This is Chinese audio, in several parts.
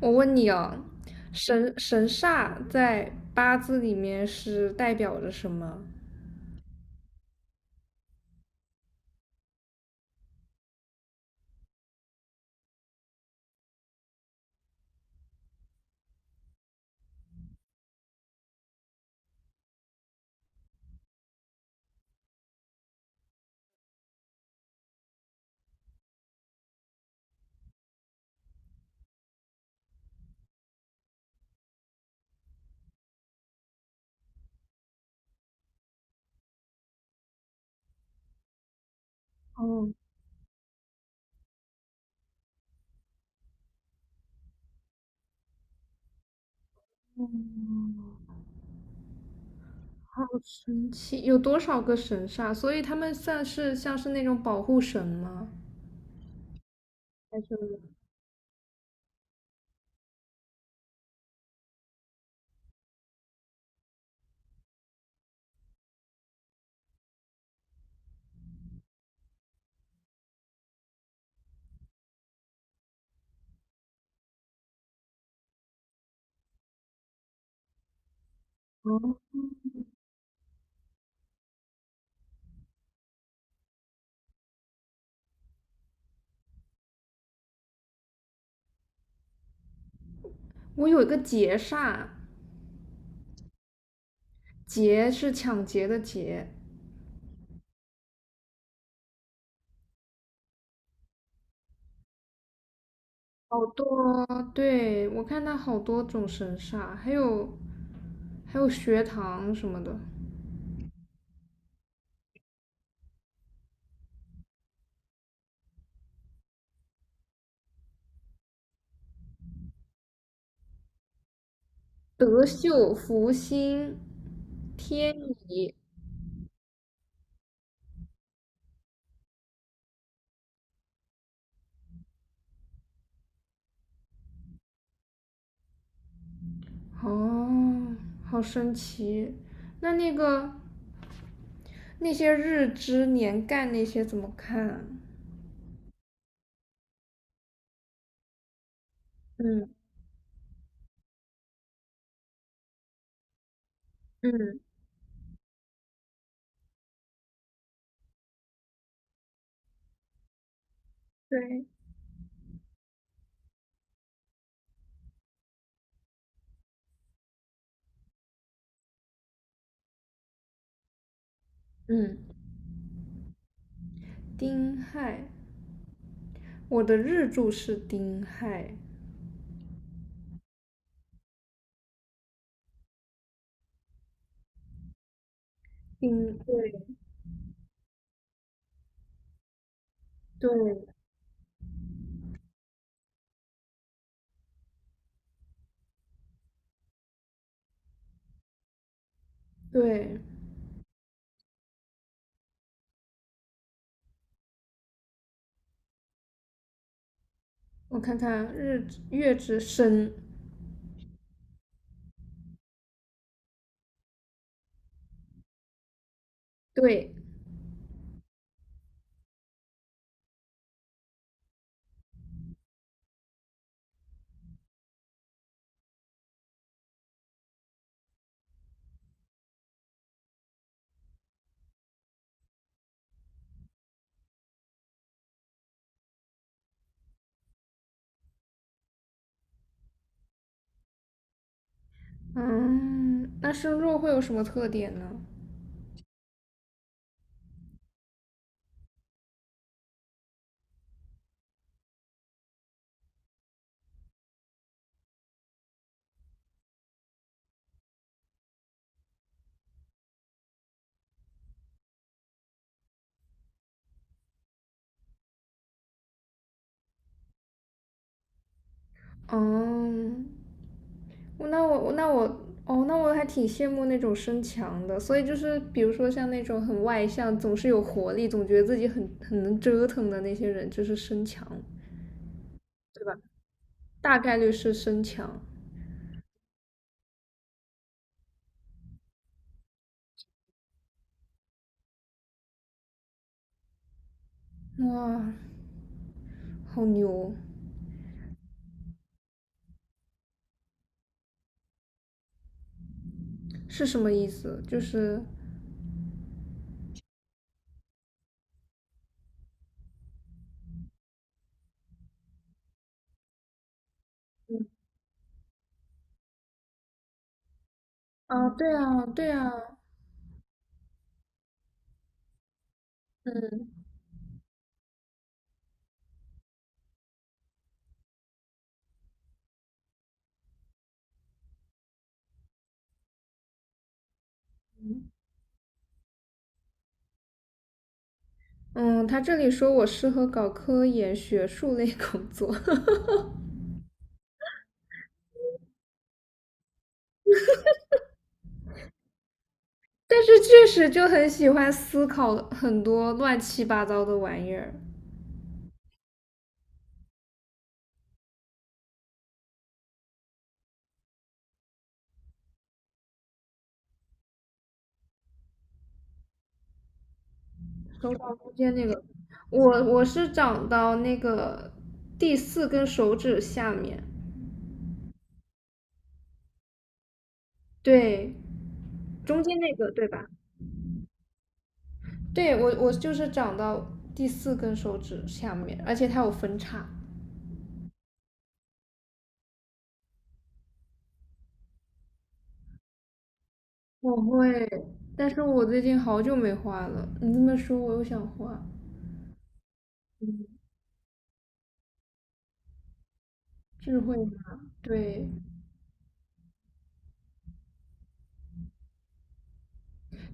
我问你哦，神煞在八字里面是代表着什么？哦，哦好神奇，有多少个神煞？所以他们算是像是那种保护神吗？还是哦，我有一个劫煞，劫是抢劫的劫，好多，对，我看它好多种神煞，还有学堂什么的，德秀、福星、天乙，哦，好神奇。那那个那些日支年干那些怎么看啊？嗯嗯，对，嗯，丁亥，我的日柱是丁亥，丁，对对对，我看看日支月之申，对，嗯，那申弱会有什么特点呢？嗯，那我哦，那我还挺羡慕那种身强的。所以就是比如说像那种很外向、总是有活力、总觉得自己很能折腾的那些人，就是身强，大概率是身强。哇，好牛！是什么意思？就是啊，对啊，对啊，嗯嗯，他这里说我适合搞科研学术类工作。但是确实就很喜欢思考很多乱七八糟的玩意儿。手掌中间那个，我是长到那个第四根手指下面，对，中间那个对吧？对，我就是长到第四根手指下面，而且它有分叉。我会，但是我最近好久没画了。你这么说，我又想画智慧嘛？对，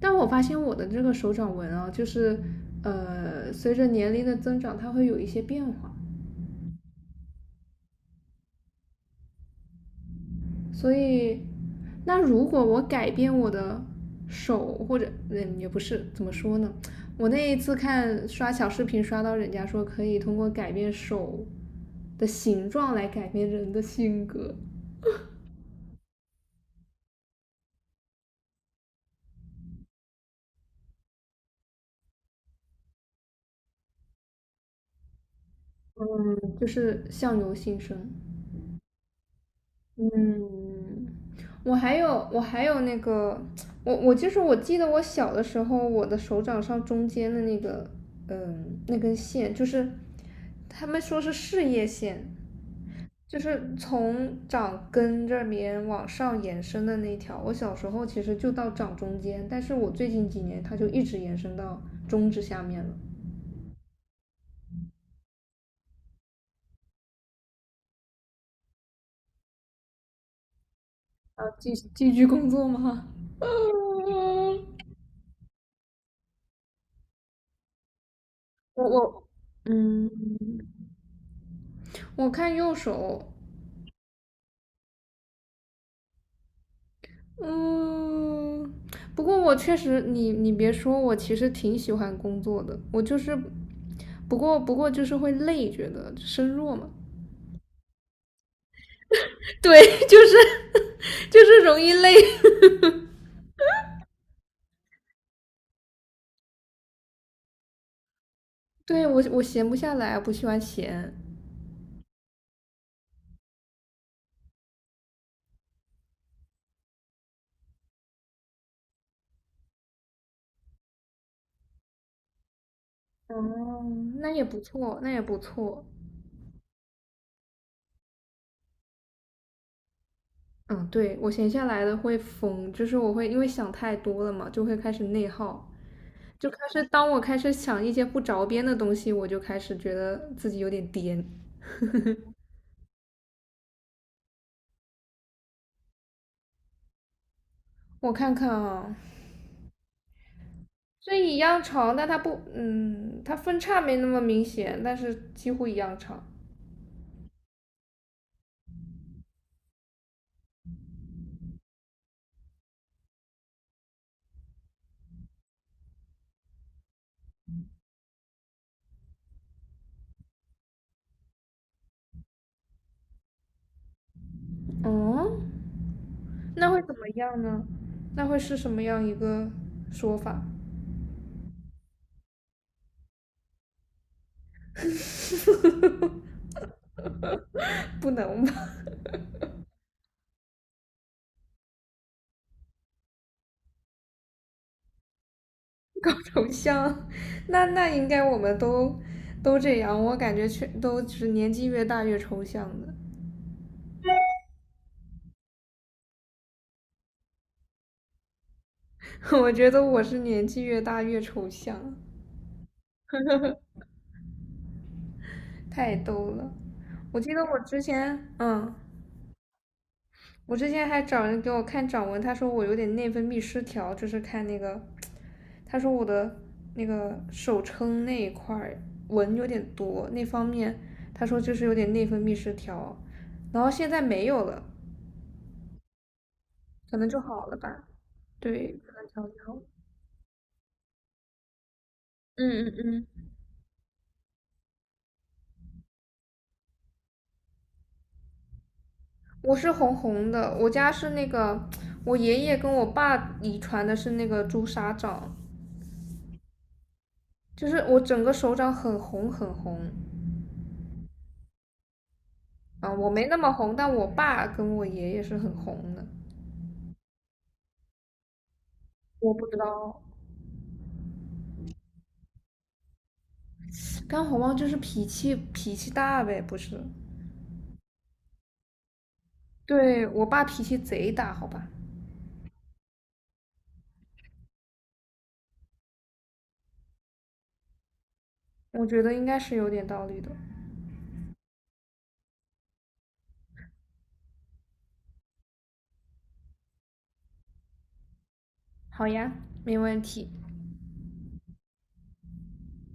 但我发现我的这个手掌纹啊，就是随着年龄的增长，它会有一些变化。所以，那如果我改变我的手或者嗯也不是怎么说呢？我那一次看刷小视频刷到人家说可以通过改变手的形状来改变人的性格，就是相由心生。嗯，我还有那个，我我就是我记得我小的时候，我的手掌上中间的那个，嗯，那根线就是他们说是事业线，就是从掌根这边往上延伸的那一条。我小时候其实就到掌中间，但是我最近几年它就一直延伸到中指下面了。要继续工作吗？我嗯，我看右手，嗯，不过我确实，你别说，我其实挺喜欢工作的，我就是，不过就是会累，觉得身弱嘛。对，就是 就是容易累。对，我闲不下来，不喜欢闲。哦，那也不错，那也不错。嗯，对，我闲下来的会疯，就是我会因为想太多了嘛，就会开始内耗，就开始当我开始想一些不着边的东西，我就开始觉得自己有点颠。我看看啊，这一样长，但它不，嗯，它分叉没那么明显，但是几乎一样长。哦，那会怎么样呢？那会是什么样一个说法？不能吧。头像？那那应该我们都这样，我感觉全都是年纪越大越抽象的。我觉得我是年纪越大越抽象，太逗了。我记得我之前，嗯。我之前还找人给我看掌纹，他说我有点内分泌失调，就是看那个，他说我的那个手撑那一块纹有点多，那方面他说就是有点内分泌失调，然后现在没有了，可能就好了吧？对，可能调理好了，嗯嗯嗯，我是红红的，我家是那个我爷爷跟我爸遗传的是那个朱砂掌，就是我整个手掌很红很红。啊、我没那么红，但我爸跟我爷爷是很红的。我不知道，干红帽就是脾气大呗，不是？对，我爸脾气贼大，好吧？我觉得应该是有点道理的。好呀，没问题。